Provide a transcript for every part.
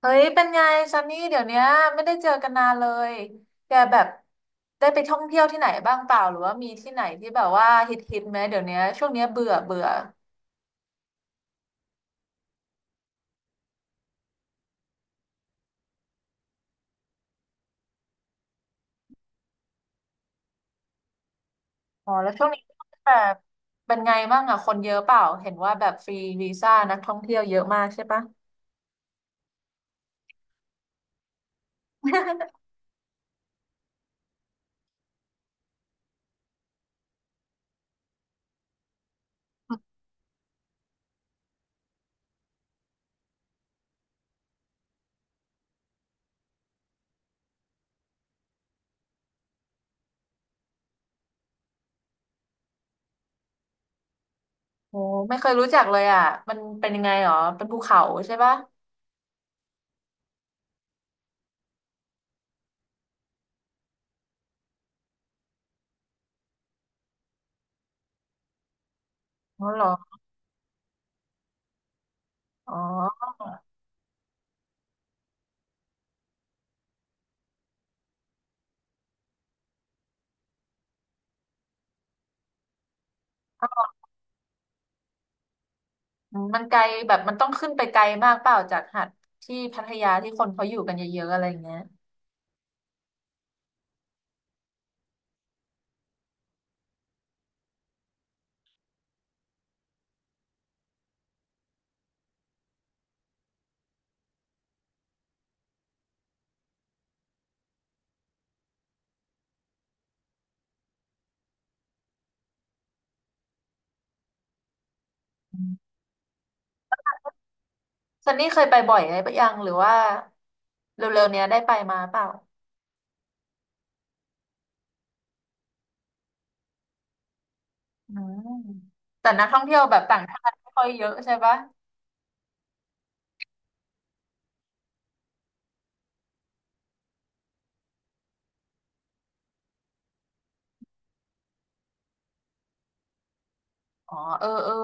เฮ้ย เป็นไงซันนี่เดี๋ยวเนี้ยไม่ได้เจอกันนานเลยแกแบบได้ไปท่องเที่ยวที่ไหนบ้างเปล่าหรือว่ามีที่ไหนที่แบบว่าฮิตฮิตไหมเดี๋ยวเนี้ยช่วงเนี้ยเบื่อเบื่ออ๋อแล้วช่วงนี้แบบเป็นไงบ้างอ่ะคนเยอะเปล่าเห็นว่าแบบฟรีวีซ่านักท่องเที่ยวเยอะมากใช่ปะ โอ้ไม่เคยรู้จักเลยอ่ะมันเป็นยังไงหรอเป็นภูเขาใช่ปะอ๋อเหรออ๋ออืมมันไกลแบบมันต้องขึ้นไปไกลมากเปล่าจากหาดที่พัทยาที่คนเขาอยู่กันเยอะๆอะไรอย่างเงี้ย ซันนี่เคยไปบ่อยไหมปะยังหรือว่าเร็วๆเนี้ยได้ไปมาเปล่าอืมแต่นักท่องเที่ยวแบบต่างชาติไม่ค่อยเยอะใช่ปะอ๋อเออเออ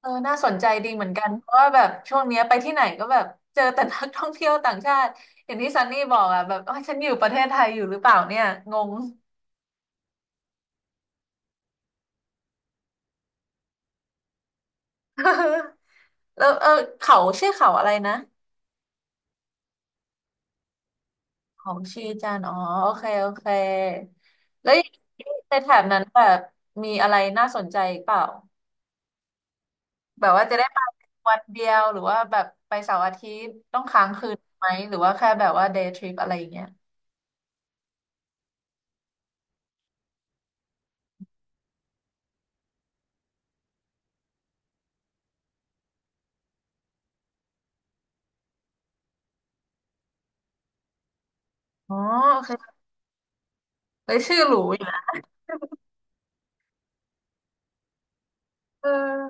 เออน่าสนใจดีเหมือนกันเพราะว่าแบบช่วงเนี้ยไปที่ไหนก็แบบเจอแต่นักท่องเที่ยวต่างชาติอย่างที่ซันนี่บอกอ่ะแบบเอ้ยฉันอยู่ประเทศไทยอยู่หรือเปล่าเนี่ยงง แล้วเออเขาชื่อเขาอะไรนะเขาชีจันทร์อ๋อโอเคโอเคแล้วในแถบนั้นแบบมีอะไรน่าสนใจเปล่า แบบว่าจะได้ไปวันเดียวหรือว่าแบบไปเสาร์อาทิตย์ต้องค้างคืนไหมหรือว่าแค่แบบว่าเดย์ทริปอะไรอย่างเงี้ยอ๋อโอเคเลยชื่อหรูอยู่นะเออ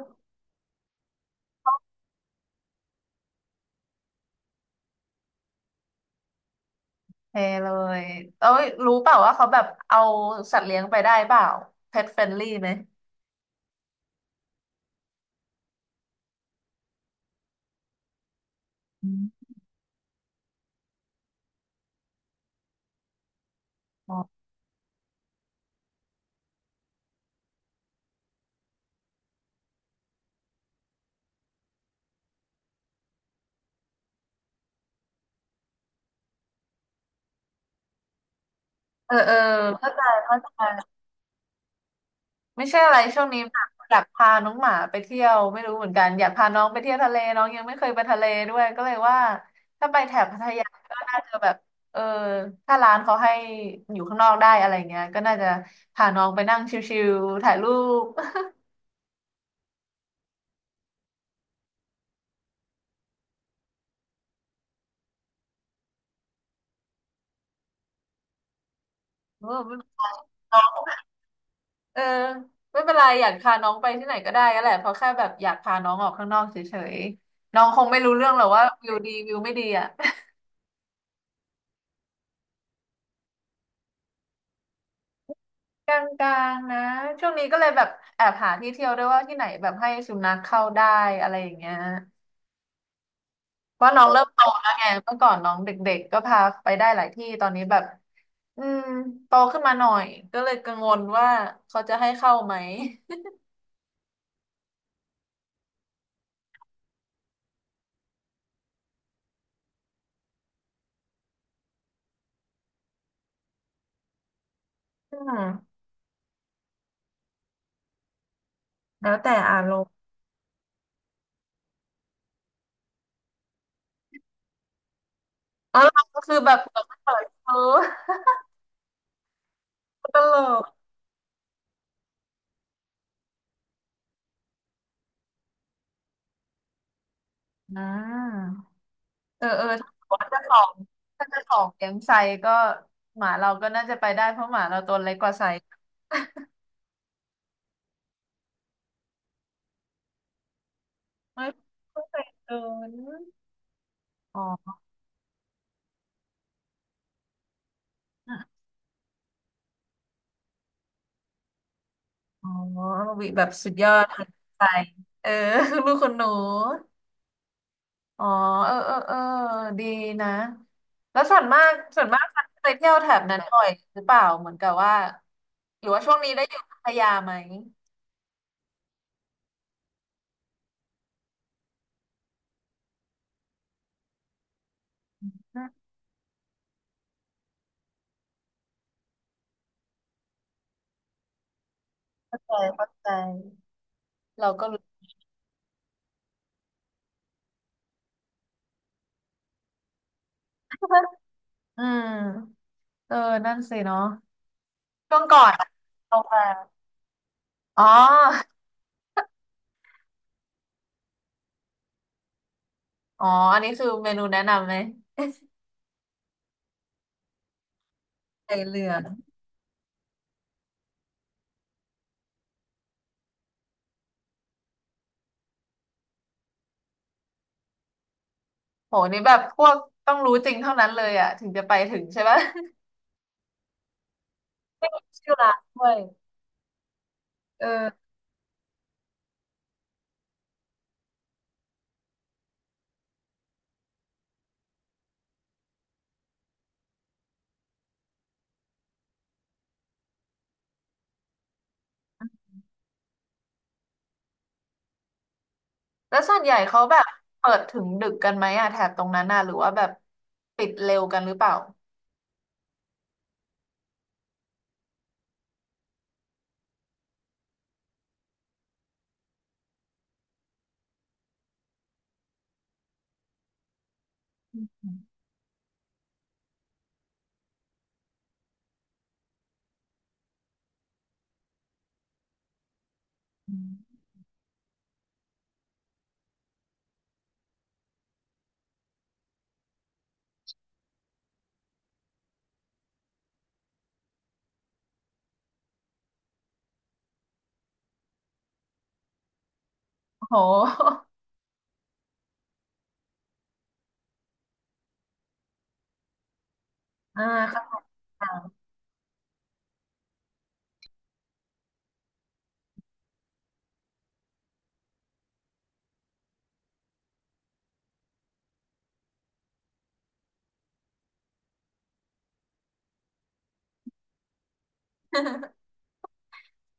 โอเคเลยเอ้ยรู้เปล่าว่าเขาแบบเอาสัตว์เลี้ยงไปได้เปล่า pet friendly ไหมอืมอ๋อเออเออเข้าใจ ไม่ใช่อะไรช่วงนี้แบบอยากพาน้องหมาไปเที่ยวไม่รู้เหมือนกันอยากพาน้องไปเที่ยวทะเลน้องยังไม่เคยไปทะเลด้วยก็เลยว่าถ้าไปแถบพัทยาก็น่าจะแบบเออถ้าร้านเขาให้อยู่ข้างนอกได้อะไรเงี้ยก็น่าจะพาน้องไปนั่งชิลๆถ่ายรูป เออไม่เออไม่เป็นไรอยากพาน้องไปที่ไหนก็ได้ก็แหละเพราะแค่แบบอยากพาน้องออกข้างนอกเฉยๆน้องคงไม่รู้เรื่องหรอกว่าวิวดีวิวไม่ดีอ่ะ กลางๆนะช่วงนี้ก็เลยแบบแอบหาที่เที่ยวด้วยว่าที่ไหนแบบให้สุนัขเข้าได้อะไรอย่างเงี้ยเพราะน้องเริ่มโตแล้วไงเมื่อก่อนน้องเด็กๆก็พาไปได้หลายที่ตอนนี้แบบอืมโตขึ้นมาหน่อยก็เลยกังวลว่าเขาจะให้เข้าไหมอืมแล้วแต่อารมณ์อ๋อเราก็คือแบบเปิดเผยเออตลกอืมเออเออถ้าบอกว่าเจะของถ้าเจะของเลี้ยงไซก็หมาเราก็น่าจะไปได้เพราะหมาเราตัวเล็กกว่าไซ ไม่เพิ่งเคยเดินอ๋ออ๋อวิแบบสุดยอดทันใจเออ ลูกคนหนูอ๋อเออเออเออดีนะ แล้วส่วนมาก ส่วนมากฉันไปเที่ยวแถบนั้นบ่อยหรือเปล่า เหมือนกับว่า หรือว่าช่วงนี้ได้อยู่พัทยาไหมอืมเข้าใจเข้าใจเราก็รู้ อืมเออนั่นสิเนาะช่วงก่อนเอามาอ๋ออ๋ออันนี้คือเมนูแนะนำไหมไอเรือง โหนี่แบบพวกต้องรู้จริงเท่านั้นเลยอ่ะถึงจะไปถึงใช่ปะ ไม่มีชื่อร้านด้วย เออแล้วส่วนใหญ่เขาแบบเปิดถึงดึกกันไหมอ่ะแถบตรงนั้นน่ะหรือว่าแบบปิดเร็วกันหรือเปล่าอืมโห อ่าค่ะ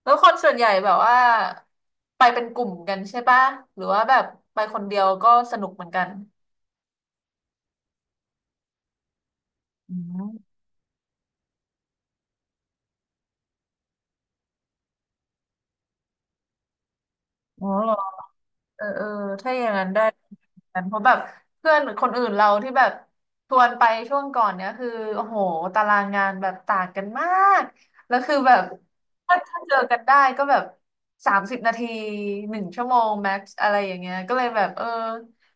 แล้วคนส่วนใหญ่แบบว่าไปเป็นกลุ่มกันใช่ปะหรือว่าแบบไปคนเดียวก็สนุกเหมือนกันอืมอ๋อเหรอ เออเออถ้าอย่างนั้นได้กันเพราะแบบเพื่อนคนอื่นเราที่แบบชวนไปช่วงก่อนเนี้ยคือโอ้โหตารางงานแบบต่างกันมากแล้วคือแบบถ้าเจอกันได้ก็แบบ30 นาที1 ชั่วโมงแม็กซ์อะไรอย่างเงี้ยก็เลยแบบเออ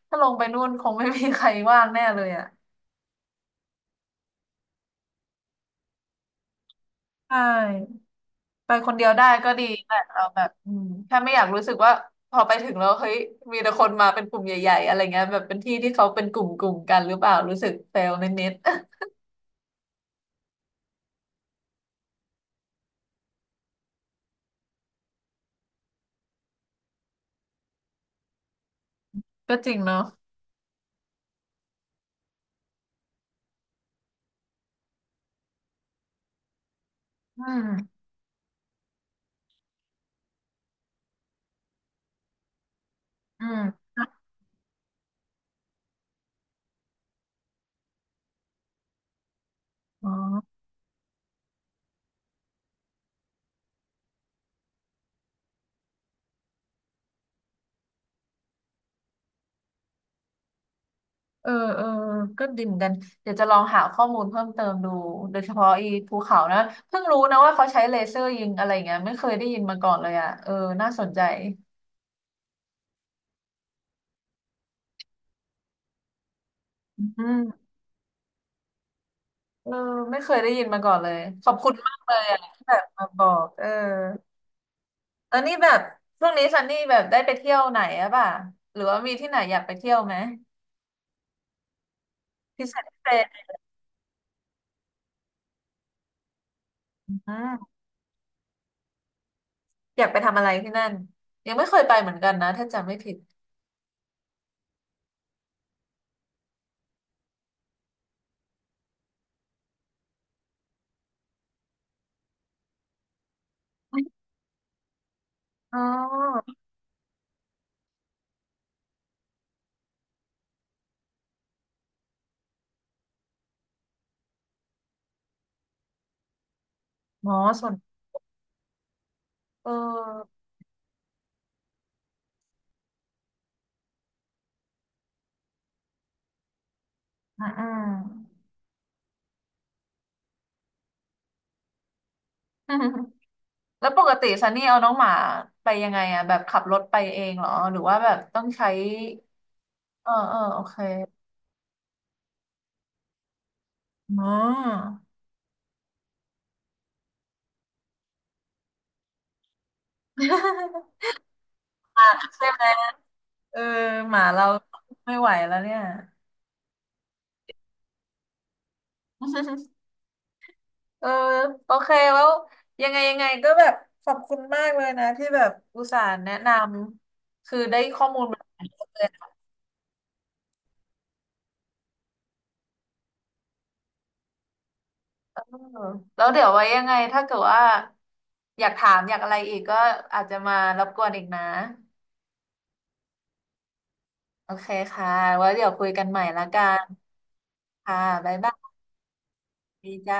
ถ้าลงไปนู่นคงไม่มีใครว่างแน่เลยอ่ะใช่ ไปคนเดียวได้ก็ดีแต่เราแบบอืมแค่ไม่อยากรู้สึกว่าพอไปถึงแล้วเฮ้ยมีแต่คนมาเป็นกลุ่มใหญ่ๆอะไรเงี้ยแบบเป็นที่ที่เขาเป็นกลุ่มกลุ่มกันหรือเปล่ารู้สึกเฟลนิดๆ ก็จริงเนาะอืมอืมอ๋อเออเออก็ดีเหมือนกันเดี๋ยวจะลองหาข้อมูลเพิ่มเติมดูโดยเฉพาะอีภูเขานะเพิ่งรู้นะว่าเขาใช้เลเซอร์ยิงอะไรเงี้ยไม่เคยได้ยินมาก่อนเลยอ่ะเออน่าสนใจอืมเออไม่เคยได้ยินมาก่อนเลยขอบคุณมากเลยอ่ะที่แบบมาบอกเออ เออนี่แบบช่วงนี้ซันนี่แบบได้ไปเที่ยวไหนอะป่ะหรือว่ามีที่ไหนอยากไปเที่ยวไหมพิเศษพิเศษอืมอยากไปทำอะไรที่นั่นยังไม่เคยไปเหมือนกันนะถ้าจำไม่ผิดอ๋อหมอส่วนเอออืม อืม แล้วปกติซันนี่เอาน้องหมาไปยังไงอะแบบขับรถไปเองเหรอหรือว่าแบบต้องใช้เออเออโอเคอ๋อ เออหมาเราไม่ไหวแล้วเนี่ย เออโอเคแล้วยังไงยังไงก็แบบขอบคุณมากเลยนะที่แบบอุตส่าห์แนะนำคือได้ข้อมูลมาเลยนะเออแล้วเดี๋ยวไว้ยังไงถ้าเกิดว่าอยากถามอยากอะไรอีกก็อาจจะมารบกวนอีกนะโอเคค่ะไว้เดี๋ยวคุยกันใหม่ละกันค่ะบ๊ายบายจ้า